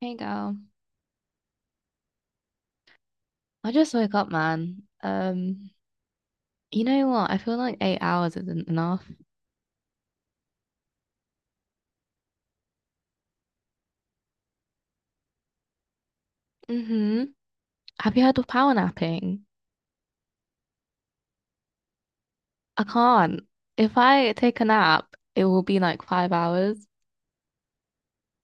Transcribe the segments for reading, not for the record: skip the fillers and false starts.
Hey girl, I just woke up, man. You know what? I feel like 8 hours isn't enough. Mm-hmm. Have you heard of power napping? I can't. If I take a nap, it will be like 5 hours.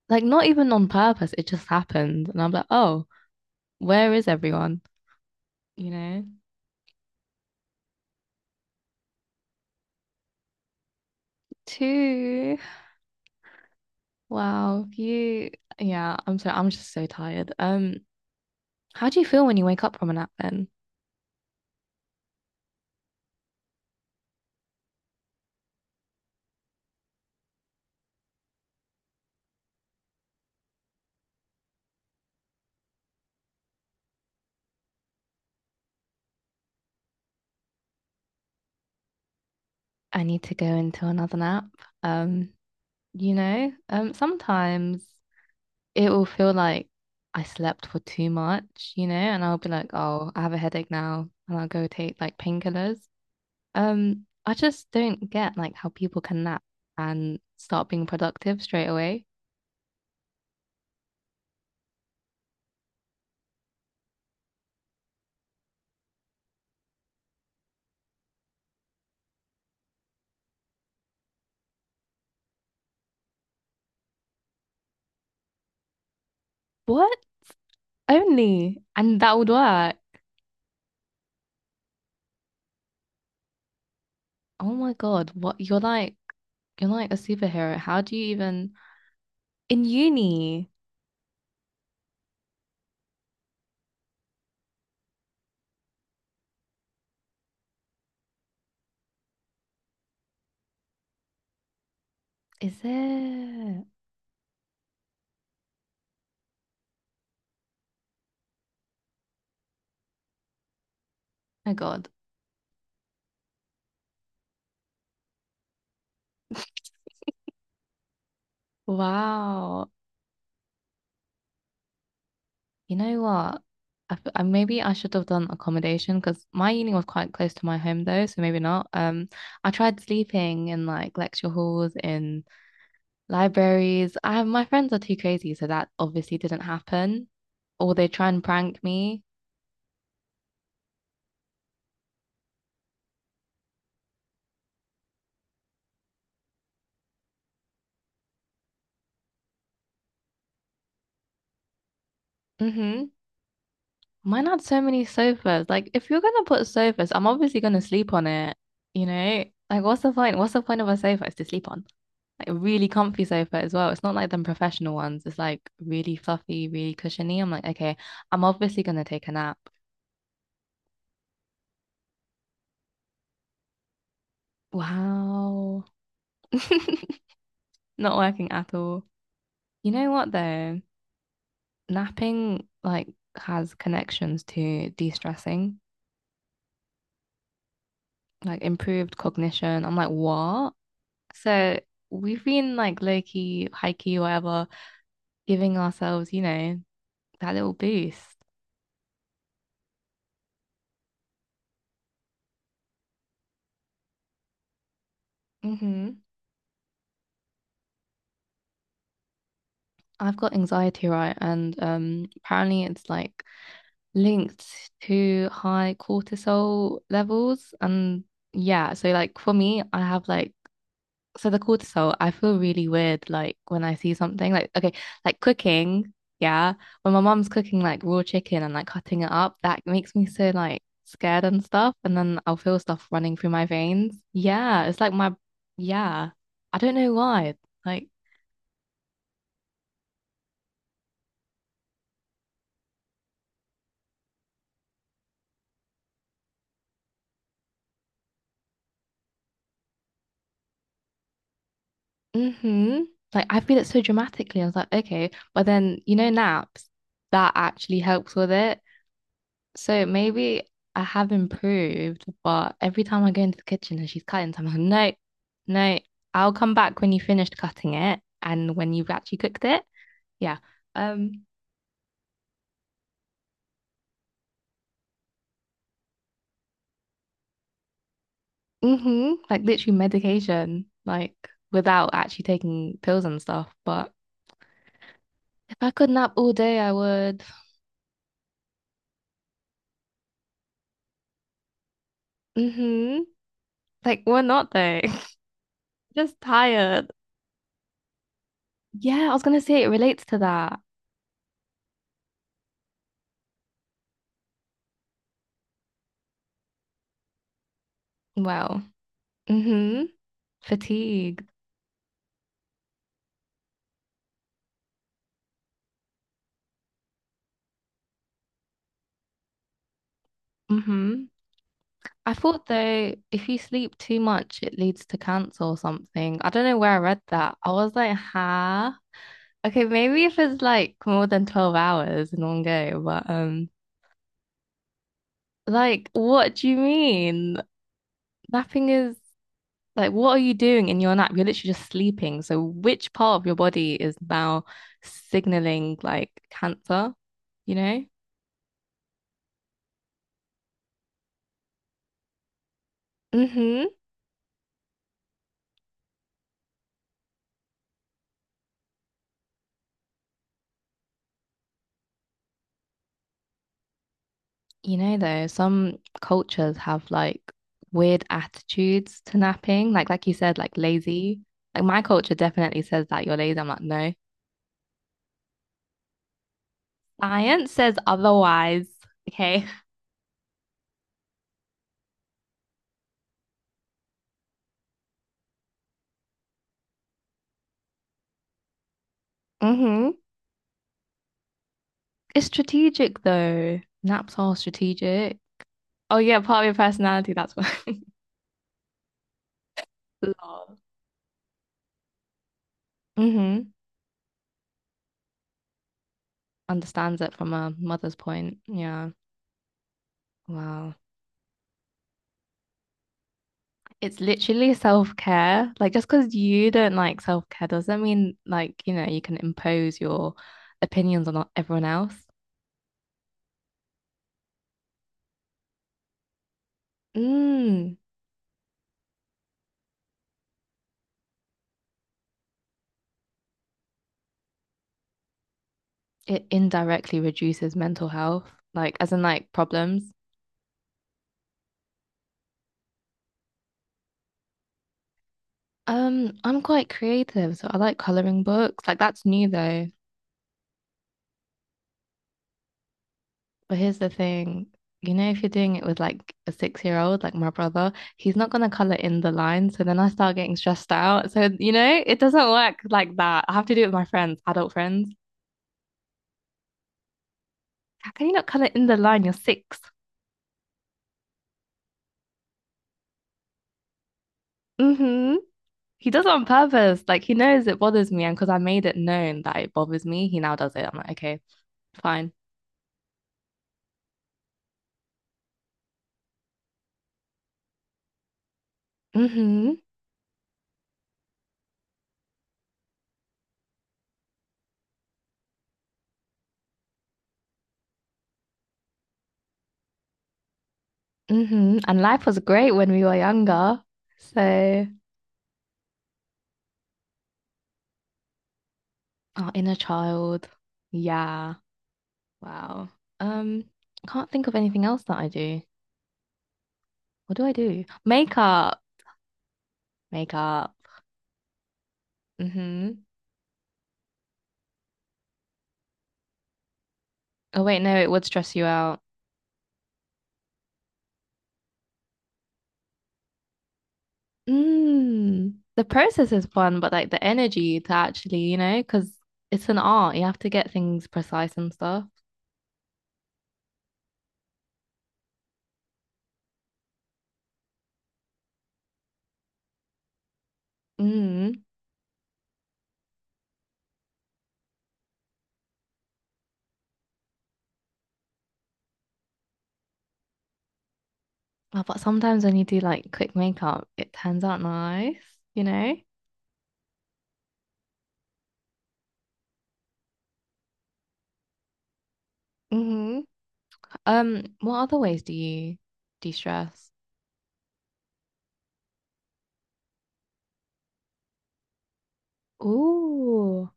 Like not even on purpose, it just happened. And I'm like, oh, where is everyone? You know? Two. Wow, you yeah, I'm just so tired. How do you feel when you wake up from a nap then? I need to go into another nap. Um. Sometimes it will feel like I slept for too much, and I'll be like, oh, I have a headache now, and I'll go take like painkillers. I just don't get like how people can nap and start being productive straight away. What? Only? And that would work. Oh my God, what you're like a superhero. How do you even in uni? Is it? Oh my God. Wow. You know what? Maybe I should have done accommodation because my uni was quite close to my home though, so maybe not. I tried sleeping in like lecture halls, in libraries. I my friends are too crazy, so that obviously didn't happen. Or they try and prank me. Mm-hmm. Mine had so many sofas. Like, if you're gonna put sofas, I'm obviously gonna sleep on it. You know, like, what's the point? What's the point of a sofa? It's to sleep on. Like a really comfy sofa as well. It's not like them professional ones. It's like really fluffy, really cushiony. I'm like, okay, I'm obviously gonna take a nap. Wow. Not working at all. You know what though? Napping like has connections to de-stressing, like improved cognition. I'm like, what? So we've been like low-key, high-key, whatever, giving ourselves, that little boost. Hmm. I've got anxiety, right? And apparently it's like linked to high cortisol levels. And yeah, so like for me, I have like, so the cortisol, I feel really weird like when I see something like, okay, like cooking. Yeah. When my mom's cooking like raw chicken and like cutting it up, that makes me so like scared and stuff. And then I'll feel stuff running through my veins. Yeah. It's like my, yeah. I don't know why. Like, mm-hmm. Like I feel it so dramatically. I was like, okay, but then, naps, that actually helps with it. So maybe I have improved, but every time I go into the kitchen and she's cutting something, I'm like, no, no, I'll come back when you finished cutting it and when you've actually cooked it. Yeah. Um, mm-hmm. Like literally medication, like without actually taking pills and stuff. But if I could nap all day, I would. Mm-hmm. Like we're not though. Just tired. Yeah, I was gonna say it relates to that. Well, mm-hmm. Fatigued. Mm-hmm. I thought though, if you sleep too much, it leads to cancer or something. I don't know where I read that. I was like, huh? Okay, maybe if it's like more than 12 hours in one go, but like, what do you mean? Napping is like, what are you doing in your nap? You're literally just sleeping. So which part of your body is now signaling like cancer, you know? Mm-hmm. You know, though, some cultures have like weird attitudes to napping. Like you said, like lazy. Like my culture definitely says that you're lazy. I'm like, no. Science says otherwise. Okay. Hmm. It's strategic though. Naps are strategic. Oh yeah, part of your personality. That's why. Lol. Mm-hmm. Understands it from a mother's point. Yeah. Wow. It's literally self-care. Like just because you don't like self-care doesn't mean like, you know, you can impose your opinions on everyone else. Mm, it indirectly reduces mental health, like as in like problems. I'm quite creative, so I like coloring books. Like that's new though. But here's the thing. You know, if you're doing it with like a six-year-old, like my brother, he's not gonna color in the lines. So then I start getting stressed out. So, you know, it doesn't work like that. I have to do it with my friends, adult friends. How can you not colour in the line? You're 6. Mm-hmm. He does it on purpose. Like he knows it bothers me, and because I made it known that it bothers me, he now does it. I'm like, okay, fine. Mm-hmm. Mm-hmm. And life was great when we were younger. So our inner child. Yeah. Wow. Um, can't think of anything else that I do. What do I do? Makeup. Makeup. Mm-hmm. Oh wait, no, it would stress you out. Mm, the process is fun, but like the energy to actually, you know, because it's an art. You have to get things precise and stuff. Mm. Oh, but sometimes when you do like quick makeup, it turns out nice, you know? Mm-hmm. What other ways do you de-stress? Ooh,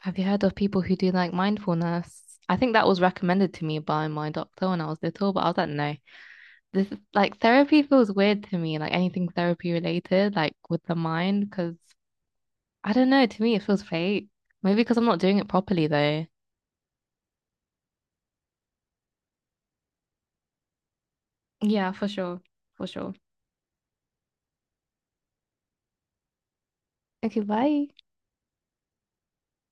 have you heard of people who do like mindfulness? I think that was recommended to me by my doctor when I was little, but I was like, no. This like therapy feels weird to me, like anything therapy related, like with the mind, because I don't know, to me it feels fake. Maybe because I'm not doing it properly though. Yeah, for sure. For sure. Okay, bye.